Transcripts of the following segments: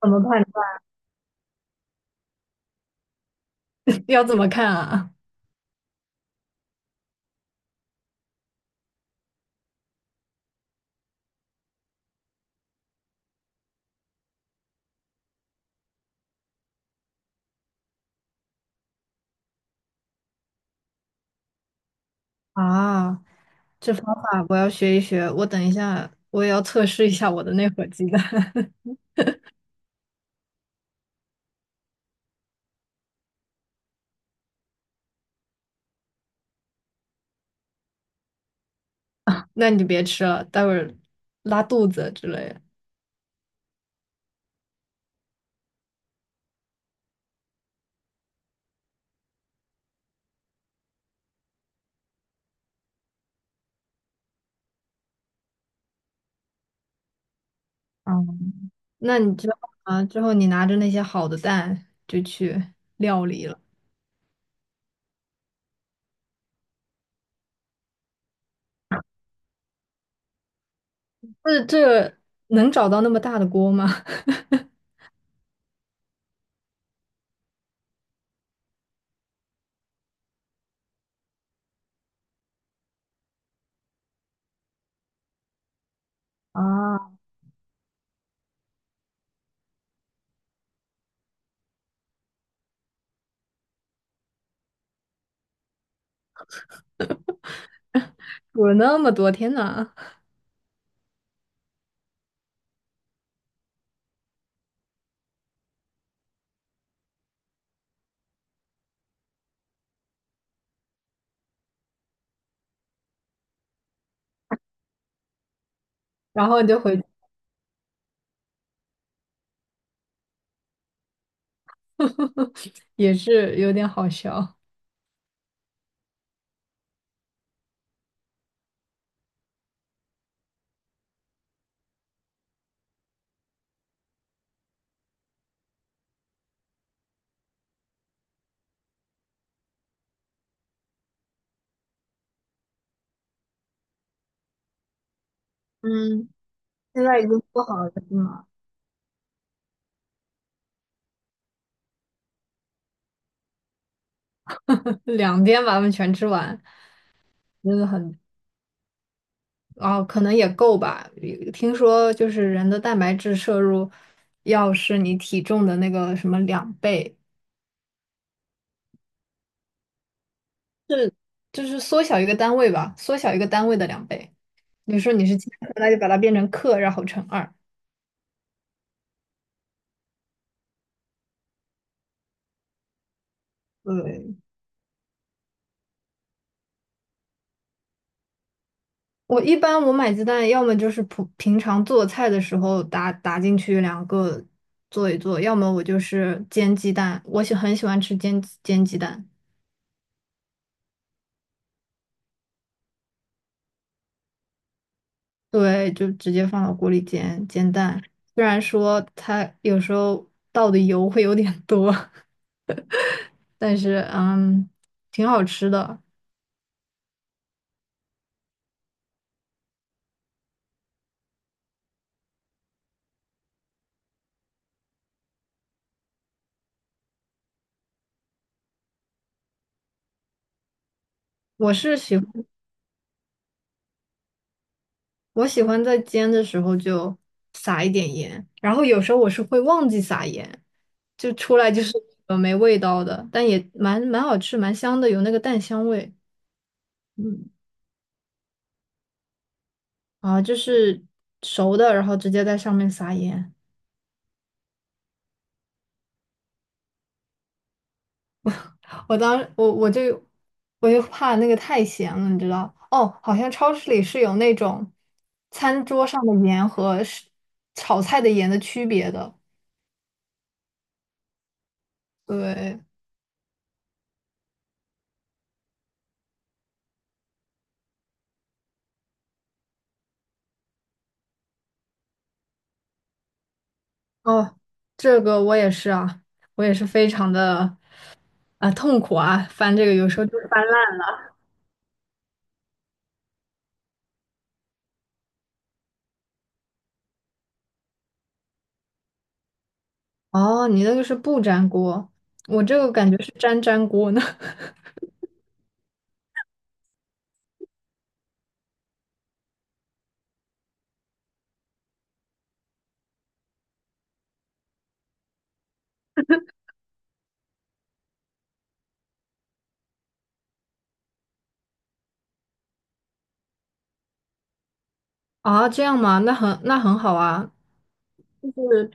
怎么判断？要怎么看啊？啊，这方法我要学一学。我等一下，我也要测试一下我的那盒鸡蛋。那你就别吃了，待会儿拉肚子之类的。嗯，那你之后啊，之后你拿着那些好的蛋就去料理了。这能找到那么大的锅吗？啊，煮了那么多，天呐。然后你就回去。 也是有点好笑。嗯，现在已经做好了是吗？两天把它们全吃完。真的很哦，可能也够吧。有听说就是人的蛋白质摄入要是你体重的那个什么两倍，就是缩小一个单位吧，缩小一个单位的两倍。你说你是千克那就把它变成克，然后乘二。对，我一般买鸡蛋，要么就是普平常做菜的时候打进去两个做一做，要么我就是煎鸡蛋，我喜欢吃煎鸡蛋。对，就直接放到锅里煎蛋。虽然说它有时候倒的油会有点多，但是挺好吃的。我是喜欢，我喜欢在煎的时候就撒一点盐，然后有时候我是会忘记撒盐，就出来就是没味道的，但也蛮好吃，蛮香的，有那个蛋香味。嗯，啊，就是熟的，然后直接在上面撒盐。我当我我就我就怕那个太咸了，你知道？哦，好像超市里是有那种餐桌上的盐和是炒菜的盐的区别的。对，哦，这个我也是啊，我也是非常的啊痛苦啊，翻这个有时候就是翻。哦，你那个是不粘锅，我这个感觉是粘粘锅呢。啊，这样吗？那很好啊，就是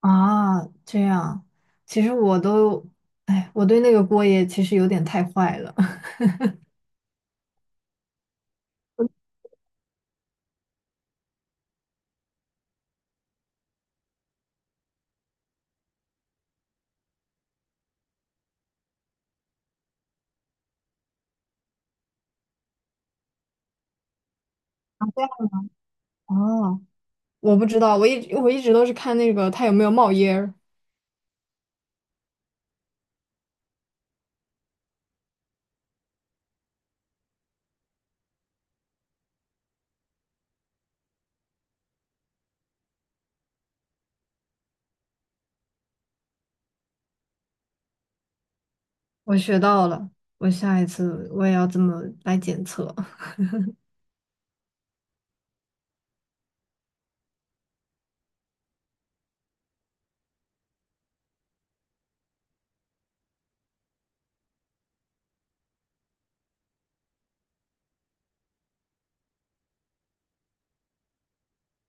啊，这样，其实我都，哎，我对那个锅也其实有点太坏了。啊，我不知道，我一直都是看那个它有没有冒烟儿。我学到了，我下一次我也要这么来检测。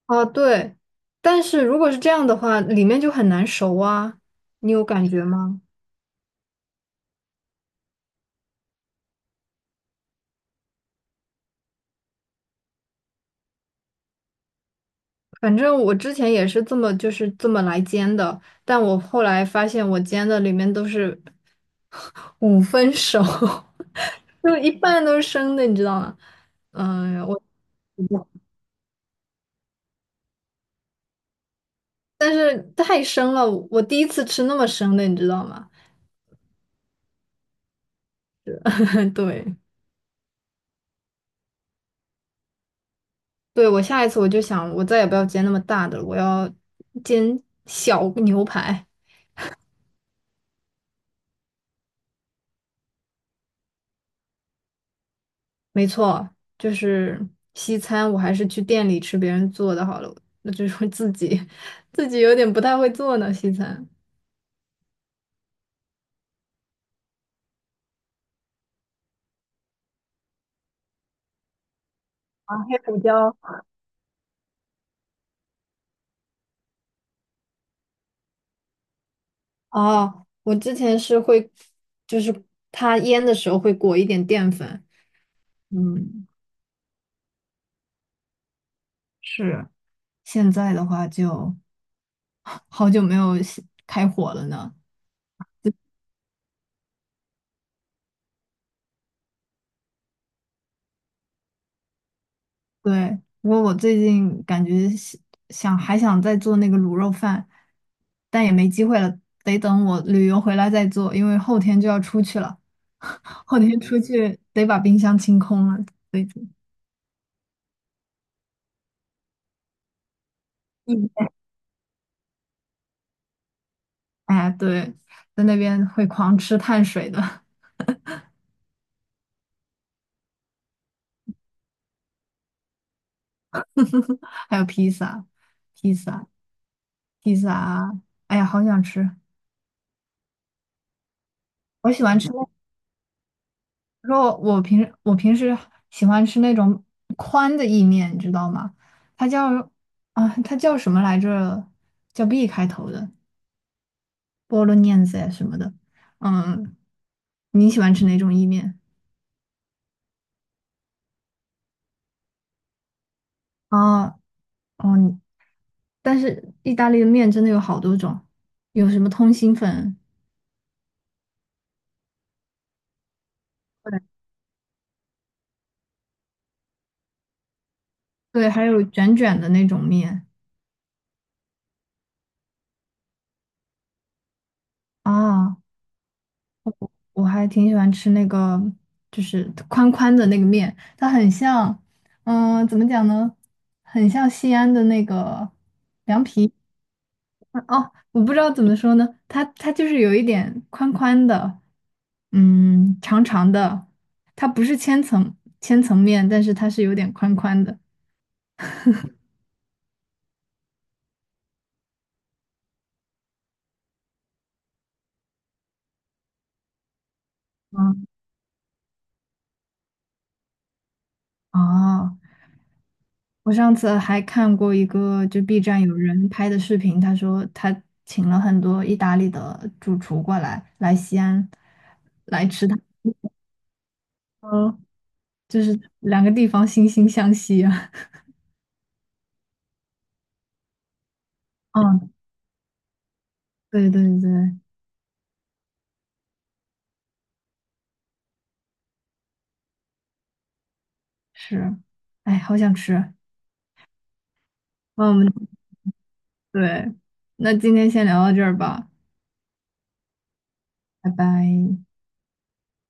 啊，对，但是如果是这样的话，里面就很难熟啊，你有感觉吗？反正我之前也是这么来煎的，但我后来发现我煎的里面都是 五分熟，就一半都是生的，你知道吗？嗯，我但是太生了，我第一次吃那么生的，你知道吗？对，对，我下一次我就想，我再也不要煎那么大的了，我要煎小牛排。没错，就是西餐，我还是去店里吃别人做的好了。那就是自己，自己有点不太会做呢，西餐。啊，黑胡椒。哦，我之前是会，就是它腌的时候会裹一点淀粉。嗯，是。现在的话就 好久没有西开火了呢。对，不过我最近感觉想还想再做那个卤肉饭，但也没机会了，得等我旅游回来再做，因为后天就要出去了，后天出去得把冰箱清空了，所以就嗯，哎，对，在那边会狂吃碳水的。还有披萨，披萨，披萨啊，哎呀，好想吃，我喜欢吃。我说我平时喜欢吃那种宽的意面，你知道吗？它叫啊，它叫什么来着？叫 B 开头的菠萝 l 子呀什么的。嗯，你喜欢吃哪种意面？啊，哦，你但是意大利的面真的有好多种，有什么通心粉，对对，还有卷卷的那种面啊。我还挺喜欢吃那个，就是宽宽的那个面，它很像，嗯、怎么讲呢？很像西安的那个凉皮。啊哦，我不知道怎么说呢，它就是有一点宽宽的，嗯，长长的，它不是千层面，但是它是有点宽宽的。嗯，哦，我上次还看过一个，就 B 站有人拍的视频，他说他请了很多意大利的主厨过来西安来吃他，嗯，就是两个地方惺惺相惜啊。嗯，对对对，是，哎，好想吃。嗯，对，那今天先聊到这儿吧，拜拜。